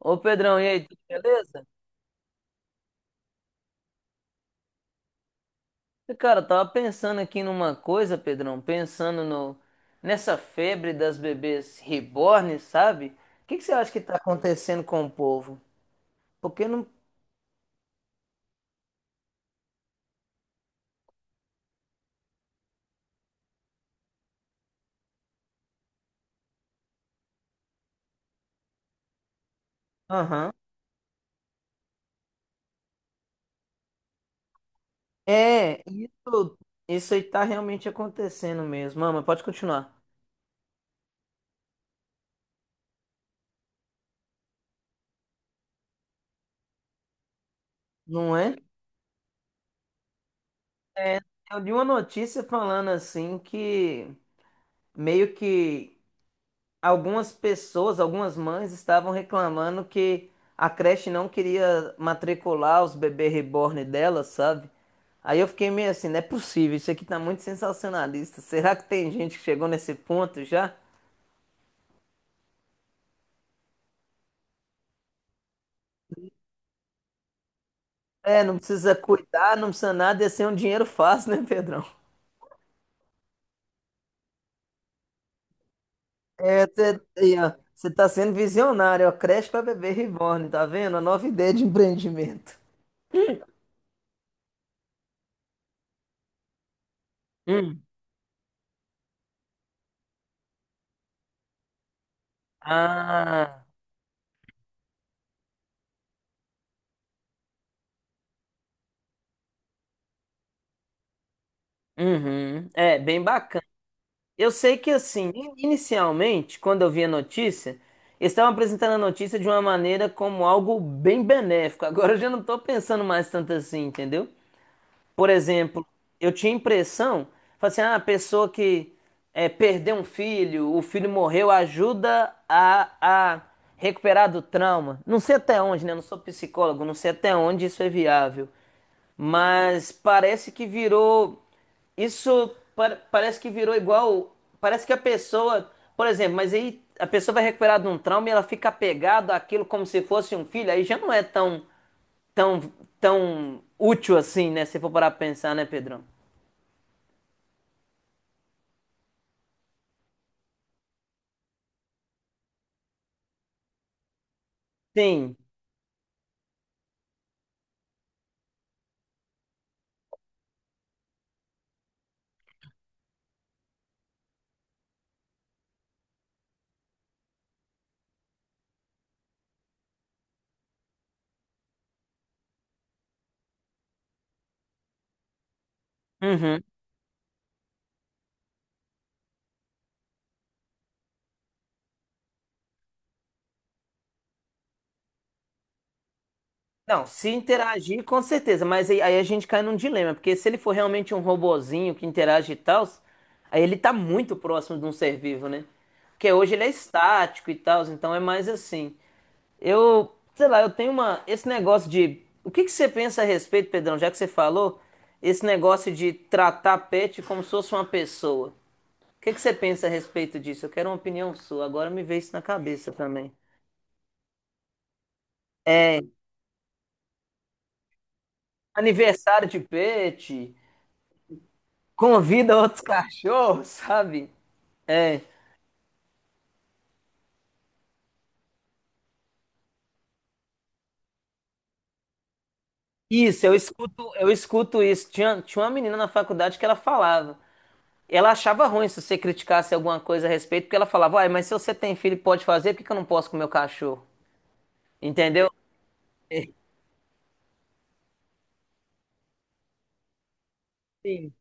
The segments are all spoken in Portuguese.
Ô Pedrão, e aí, tudo beleza? Eu tava pensando aqui numa coisa, Pedrão, pensando no nessa febre das bebês reborn, sabe? O que que você acha que tá acontecendo com o povo? Porque não. Aham. É, isso, isso aí tá realmente acontecendo mesmo. Mama, pode continuar. Não é? É, eu li uma notícia falando assim que meio que algumas pessoas, algumas mães estavam reclamando que a creche não queria matricular os bebês reborn dela, sabe? Aí eu fiquei meio assim, não é possível, isso aqui tá muito sensacionalista. Será que tem gente que chegou nesse ponto já? É, não precisa cuidar, não precisa nada, ia ser um dinheiro fácil, né, Pedrão? É, você tá sendo visionário, ó, creche para bebê reborn, tá vendo? A nova ideia de empreendimento. Hum. Ah, uhum. É, bem bacana. Eu sei que assim, inicialmente, quando eu vi a notícia, eles estavam apresentando a notícia de uma maneira como algo bem benéfico. Agora eu já não estou pensando mais tanto assim, entendeu? Por exemplo, eu tinha impressão, falei assim, ah, a pessoa que é, perdeu um filho, o filho morreu, ajuda a recuperar do trauma. Não sei até onde, né? Eu não sou psicólogo, não sei até onde isso é viável. Mas parece que virou. Isso parece que virou igual. Parece que a pessoa. Por exemplo, mas aí a pessoa vai recuperar de um trauma e ela fica apegada àquilo como se fosse um filho. Aí já não é tão, tão, tão útil assim, né? Se for parar pra pensar, né, Pedrão? Sim. Uhum. Não, se interagir, com certeza, mas aí a gente cai num dilema, porque se ele for realmente um robozinho que interage e tal, aí ele tá muito próximo de um ser vivo, né? Porque hoje ele é estático e tal, então é mais assim. Eu, sei lá, eu tenho uma. Esse negócio de. O que que você pensa a respeito, Pedrão, já que você falou, esse negócio de tratar pet como se fosse uma pessoa. O que que você pensa a respeito disso? Eu quero uma opinião sua, agora me veio isso na cabeça também. Aniversário de pet. Convida outros cachorros, sabe? É. Isso, eu escuto isso. Tinha uma menina na faculdade que ela falava. Ela achava ruim se você criticasse alguma coisa a respeito, porque ela falava, uai, mas se você tem filho e pode fazer, por que que eu não posso com o meu cachorro? Entendeu? É, sim,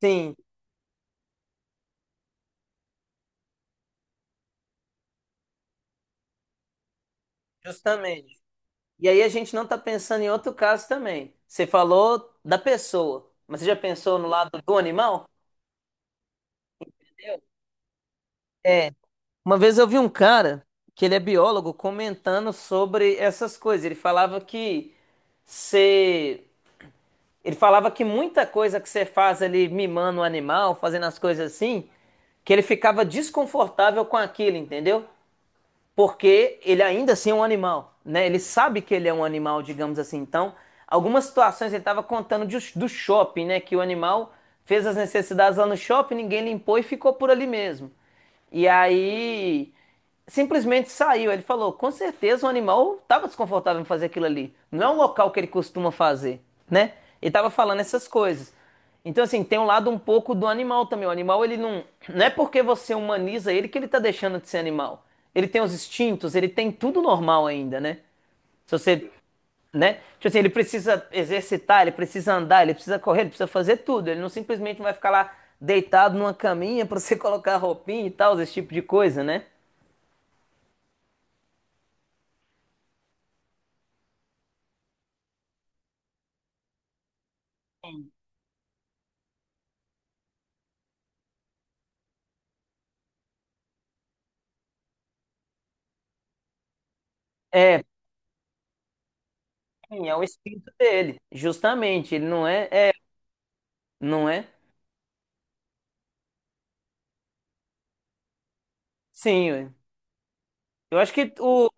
sim, justamente. E aí a gente não tá pensando em outro caso também. Você falou da pessoa, mas você já pensou no lado do animal? Entendeu? É, uma vez eu vi um cara, que ele é biólogo, comentando sobre essas coisas. Ele falava que você. Ele falava que muita coisa que você faz ali mimando o animal, fazendo as coisas assim, que ele ficava desconfortável com aquilo, entendeu? Porque ele ainda assim é um animal, né? Ele sabe que ele é um animal, digamos assim. Então, algumas situações ele estava contando do shopping, né? Que o animal fez as necessidades lá no shopping, ninguém limpou e ficou por ali mesmo. E aí simplesmente saiu. Ele falou: com certeza o animal estava desconfortável em fazer aquilo ali. Não é um local que ele costuma fazer, né? Ele estava falando essas coisas. Então, assim, tem um lado um pouco do animal também. O animal, ele não. Não é porque você humaniza ele que ele tá deixando de ser animal. Ele tem os instintos, ele tem tudo normal ainda, né? Se você. Né? Tipo assim, ele precisa exercitar, ele precisa andar, ele precisa correr, ele precisa fazer tudo. Ele não simplesmente vai ficar lá deitado numa caminha pra você colocar roupinha e tal, esse tipo de coisa, né? É, sim, é o instinto dele. Justamente, ele não é. É, não é? Sim, ué. Eu acho que o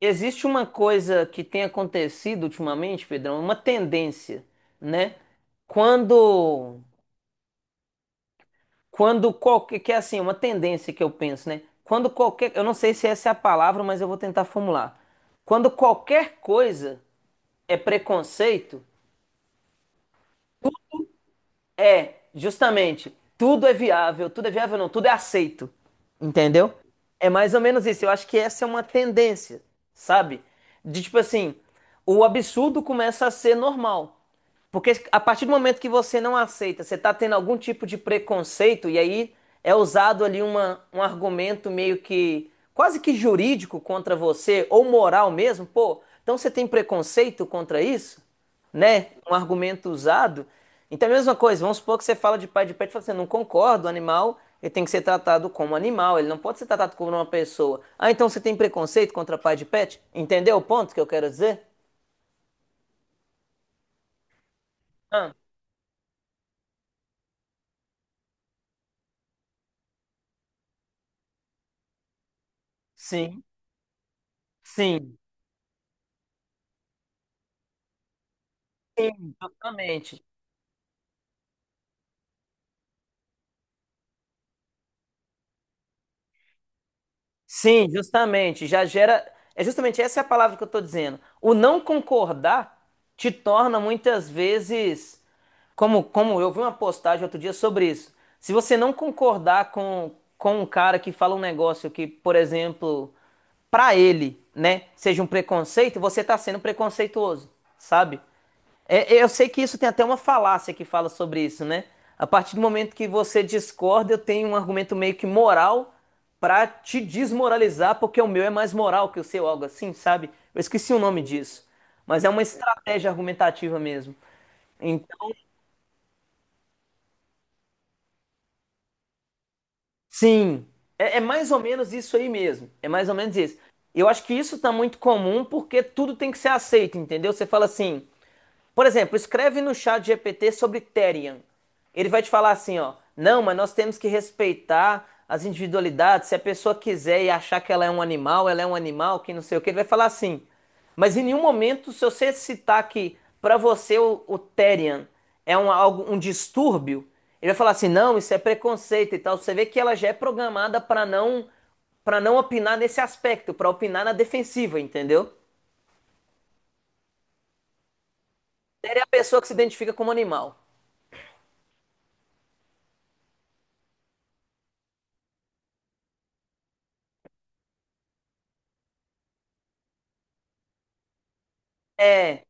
Existe uma coisa que tem acontecido ultimamente, Pedrão, uma tendência, né? Quando, quando qualquer, que é assim, uma tendência que eu penso, né? Quando qualquer, eu não sei se essa é a palavra, mas eu vou tentar formular. Quando qualquer coisa é preconceito, é justamente tudo é viável não, tudo é aceito, entendeu? É mais ou menos isso. Eu acho que essa é uma tendência, sabe? De tipo assim, o absurdo começa a ser normal. Porque a partir do momento que você não aceita, você está tendo algum tipo de preconceito, e aí é usado ali um argumento meio que quase que jurídico contra você, ou moral mesmo, pô, então você tem preconceito contra isso? Né? Um argumento usado. Então é a mesma coisa, vamos supor que você fala de pai de pet, você não concorda? O animal, ele tem que ser tratado como animal, ele não pode ser tratado como uma pessoa. Ah, então você tem preconceito contra pai de pet? Entendeu o ponto que eu quero dizer? Ah, sim, sim. Sim, justamente. Sim, justamente. Já gera. É justamente essa é a palavra que eu estou dizendo. O não concordar te torna muitas vezes. Como, como eu vi uma postagem outro dia sobre isso. Se você não concordar com um cara que fala um negócio que, por exemplo, para ele, né, seja um preconceito, você está sendo preconceituoso, sabe? Eu sei que isso tem até uma falácia que fala sobre isso, né? A partir do momento que você discorda, eu tenho um argumento meio que moral pra te desmoralizar, porque o meu é mais moral que o seu, algo assim, sabe? Eu esqueci o nome disso. Mas é uma estratégia argumentativa mesmo. Então, sim, é, é mais ou menos isso aí mesmo. É mais ou menos isso. Eu acho que isso tá muito comum porque tudo tem que ser aceito, entendeu? Você fala assim. Por exemplo, escreve no chat GPT sobre Therian. Ele vai te falar assim, ó, não, mas nós temos que respeitar as individualidades. Se a pessoa quiser e achar que ela é um animal, ela é um animal, que não sei o que, ele vai falar assim. Mas em nenhum momento, se você citar que para você o Therian é um, um distúrbio, ele vai falar assim, não, isso é preconceito e tal. Você vê que ela já é programada para não opinar nesse aspecto, para opinar na defensiva, entendeu? Therian é a pessoa que se identifica como animal. É,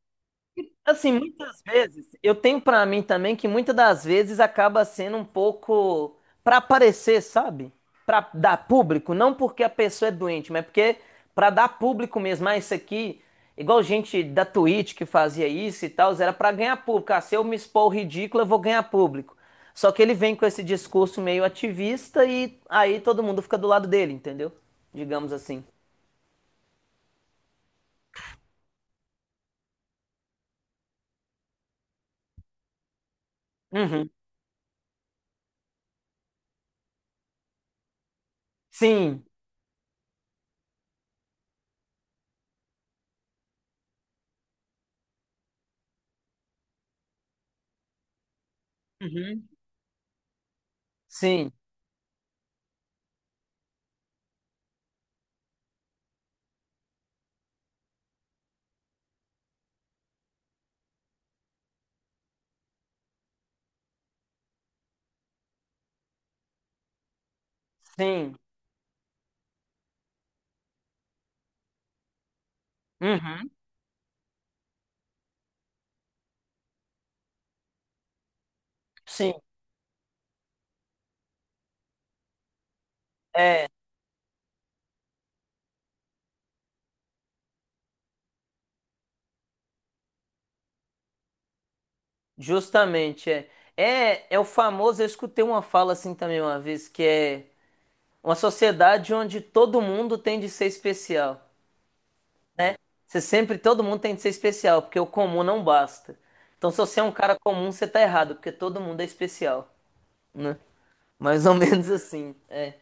assim, muitas vezes, eu tenho pra mim também que muitas das vezes acaba sendo um pouco pra aparecer, sabe? Pra dar público, não porque a pessoa é doente, mas porque pra dar público mesmo. Ah, isso aqui, igual gente da Twitch que fazia isso e tal, era pra ganhar público. Ah, se eu me expor ridículo, eu vou ganhar público. Só que ele vem com esse discurso meio ativista e aí todo mundo fica do lado dele, entendeu? Digamos assim. Uhum. Sim. Uhum. Sim. Sim. Uhum. Sim. É, justamente, é. É, é o famoso, eu escutei uma fala assim também uma vez, que é uma sociedade onde todo mundo tem de ser especial, né? Você sempre, todo mundo tem de ser especial, porque o comum não basta. Então, se você é um cara comum, você tá errado, porque todo mundo é especial, né? Mais ou menos assim, é.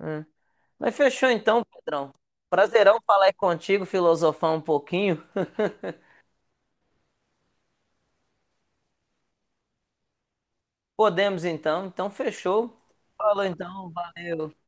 É. Mas fechou então, Pedrão. Prazerão falar aí contigo, filosofar um pouquinho. Podemos então, então fechou. Falou então, valeu.